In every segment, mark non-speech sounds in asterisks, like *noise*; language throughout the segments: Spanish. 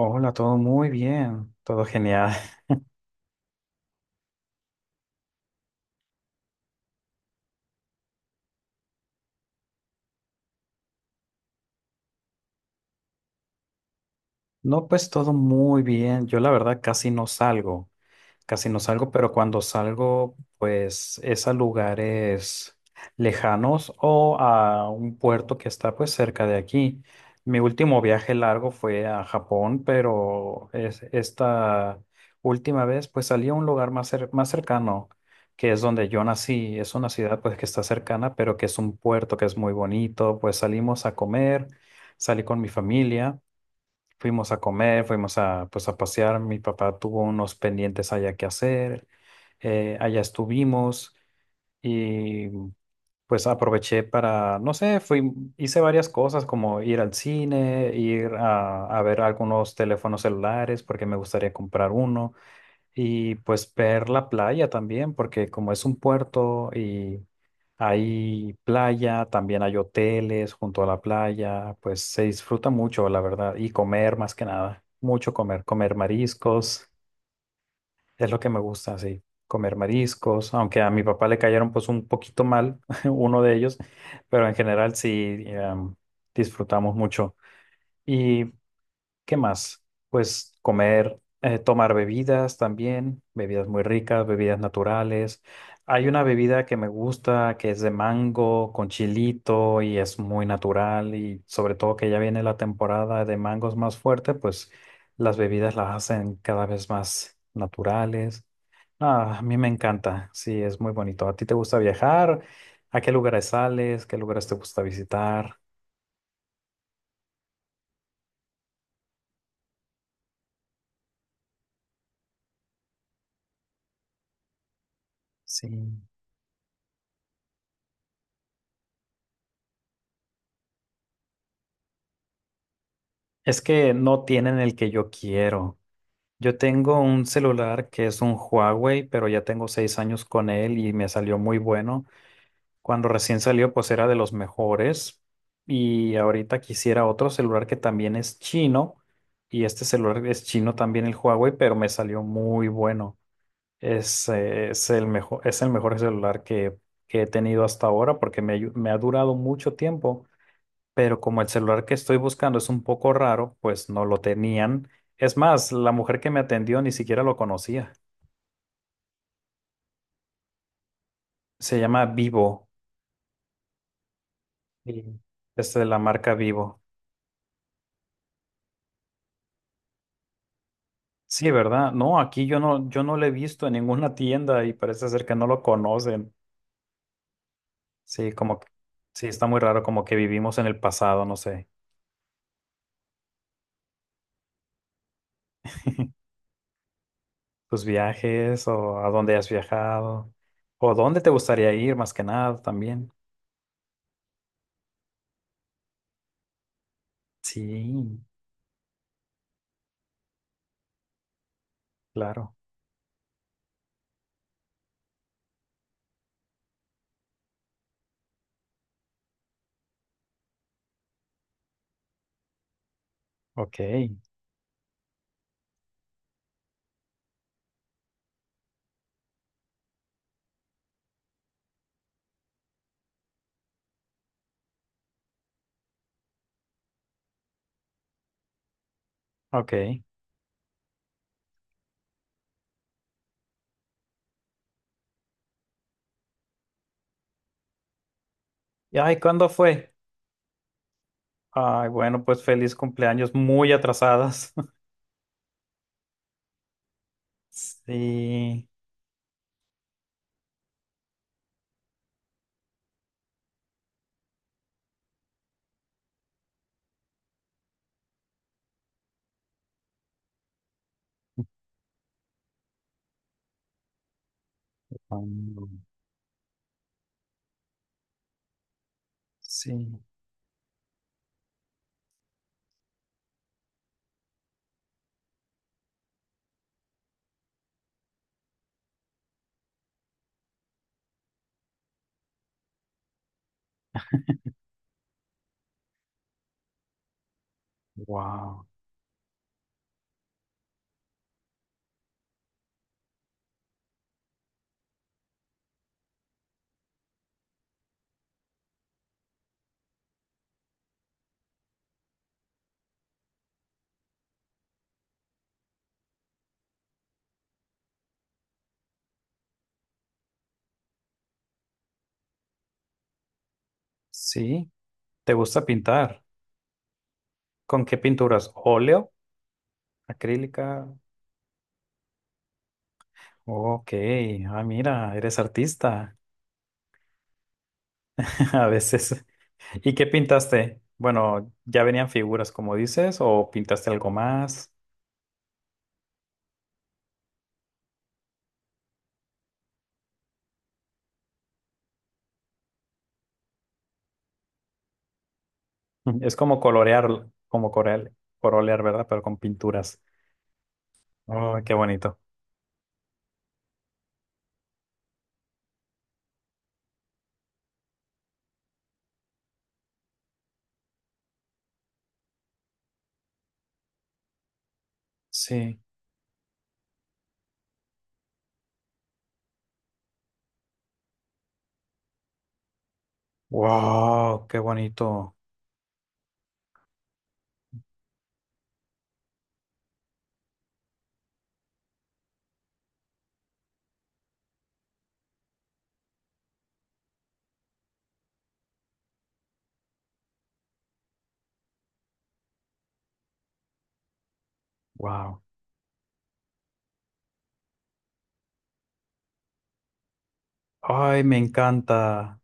Hola, todo muy bien, todo genial. *laughs* No, pues todo muy bien. Yo la verdad casi no salgo. Casi no salgo, pero cuando salgo, pues es a lugares lejanos o a un puerto que está pues cerca de aquí. Mi último viaje largo fue a Japón, pero esta última vez pues salí a un lugar más cercano, que es donde yo nací. Es una ciudad pues que está cercana, pero que es un puerto que es muy bonito. Pues salimos a comer, salí con mi familia. Fuimos a comer, fuimos pues, a pasear. Mi papá tuvo unos pendientes allá que hacer. Allá estuvimos y pues aproveché para, no sé, hice varias cosas como ir al cine, ir a ver algunos teléfonos celulares porque me gustaría comprar uno. Y pues ver la playa también, porque como es un puerto y hay playa, también hay hoteles junto a la playa, pues se disfruta mucho, la verdad. Y comer más que nada, mucho comer, comer mariscos, es lo que me gusta, sí, comer mariscos, aunque a mi papá le cayeron pues un poquito mal, *laughs* uno de ellos, pero en general sí, disfrutamos mucho. Y ¿qué más? Pues comer, tomar bebidas también, bebidas muy ricas, bebidas naturales. Hay una bebida que me gusta que es de mango con chilito y es muy natural, y sobre todo que ya viene la temporada de mangos más fuerte, pues las bebidas las hacen cada vez más naturales. Ah, a mí me encanta, sí, es muy bonito. ¿A ti te gusta viajar? ¿A qué lugares sales? ¿Qué lugares te gusta visitar? Sí. Es que no tienen el que yo quiero. Yo tengo un celular que es un Huawei, pero ya tengo 6 años con él y me salió muy bueno. Cuando recién salió, pues era de los mejores. Y ahorita quisiera otro celular que también es chino. Y este celular es chino también, el Huawei, pero me salió muy bueno. Es el mejor, es el mejor celular que he tenido hasta ahora, porque me ha durado mucho tiempo, pero como el celular que estoy buscando es un poco raro, pues no lo tenían. Es más, la mujer que me atendió ni siquiera lo conocía. Se llama Vivo. Sí, es de la marca Vivo. Sí, ¿verdad? No, aquí yo no lo he visto en ninguna *laughs* tienda, y parece ser que no lo conocen. Sí, como que, sí, está muy raro, como que vivimos en el pasado, no sé. *laughs* Tus viajes o a dónde has viajado o dónde te gustaría ir más que nada también. Sí, claro. Ok. Ok. Y ay, ¿cuándo fue? Ay, bueno, pues feliz cumpleaños, muy atrasadas. *laughs* Sí. Cuando- Sí wow, sí, ¿te gusta pintar? ¿Con qué pinturas? ¿Óleo? ¿Acrílica? Ok, ah, mira, eres artista. *laughs* A veces. ¿Y qué pintaste? Bueno, ¿ya venían figuras, como dices, o pintaste algo más? *laughs* Es como colorear, colorear, ¿verdad? Pero con pinturas. Oh, qué bonito. Sí. Wow, qué bonito. Wow. Ay, me encanta.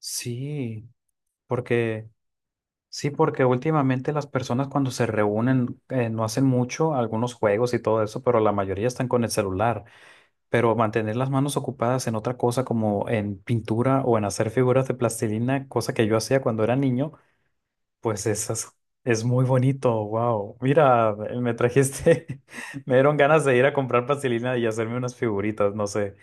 Sí, porque últimamente las personas cuando se reúnen, no hacen mucho, algunos juegos y todo eso, pero la mayoría están con el celular. Pero mantener las manos ocupadas en otra cosa, como en pintura o en hacer figuras de plastilina, cosa que yo hacía cuando era niño, pues esas es muy bonito. Wow. Mira, me trajiste, *laughs* me dieron ganas de ir a comprar plastilina y hacerme unas figuritas, no sé.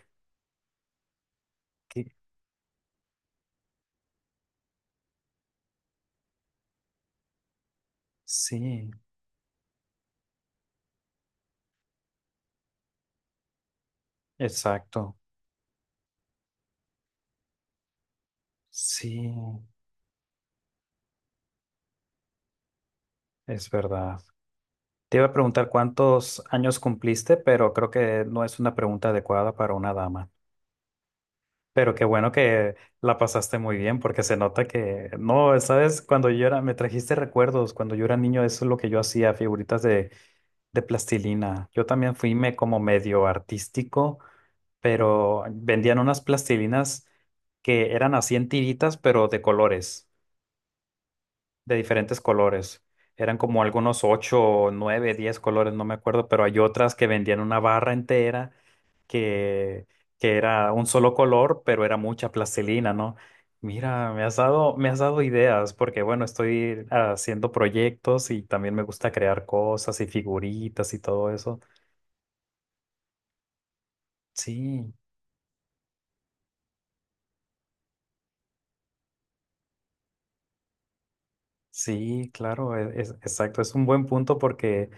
Sí, exacto. Sí, es verdad. Te iba a preguntar cuántos años cumpliste, pero creo que no es una pregunta adecuada para una dama. Pero qué bueno que la pasaste muy bien, porque se nota que, no, sabes, cuando yo era, me trajiste recuerdos, cuando yo era niño, eso es lo que yo hacía, figuritas de plastilina. Yo también fui, me, como medio artístico, pero vendían unas plastilinas que eran así en tiritas, pero de colores. De diferentes colores. Eran como algunos ocho, nueve, diez colores, no me acuerdo, pero hay otras que vendían una barra entera que, que era un solo color, pero era mucha plastilina, ¿no? Mira, me has dado ideas porque, bueno, estoy haciendo proyectos y también me gusta crear cosas y figuritas y todo eso. Sí, sí, claro, es, exacto. Es un buen punto porque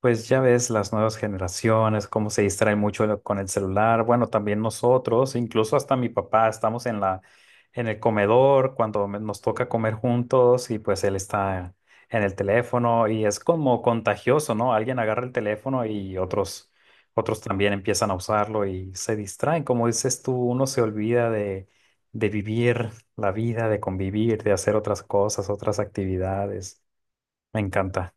pues ya ves las nuevas generaciones, cómo se distraen mucho con el celular. Bueno, también nosotros, incluso hasta mi papá, estamos en el comedor cuando nos toca comer juntos, y pues él está en el teléfono y es como contagioso, ¿no? Alguien agarra el teléfono y otros también empiezan a usarlo y se distraen. Como dices tú, uno se olvida de vivir la vida, de convivir, de hacer otras cosas, otras actividades. Me encanta.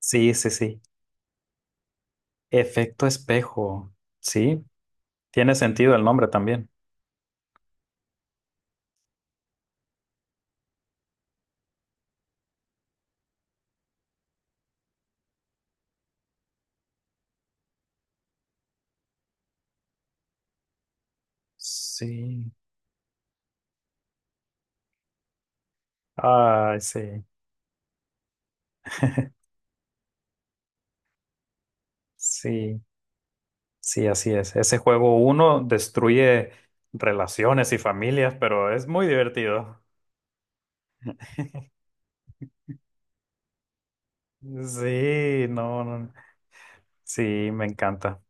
Sí, sí, sí. Efecto espejo. Sí, tiene sentido el nombre también. Sí. Ay, sí, sí, sí, así es. Ese juego uno destruye relaciones y familias, pero es muy divertido. Sí, no, no. No. Sí, me encanta.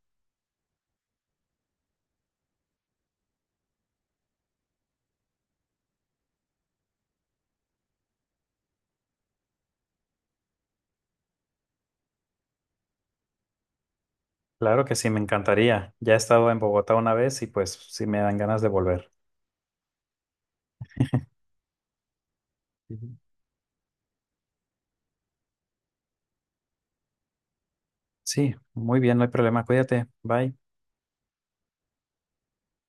Claro que sí, me encantaría. Ya he estado en Bogotá una vez y pues sí me dan ganas de volver. Ujú. Sí, muy bien, no hay problema. Cuídate. Bye.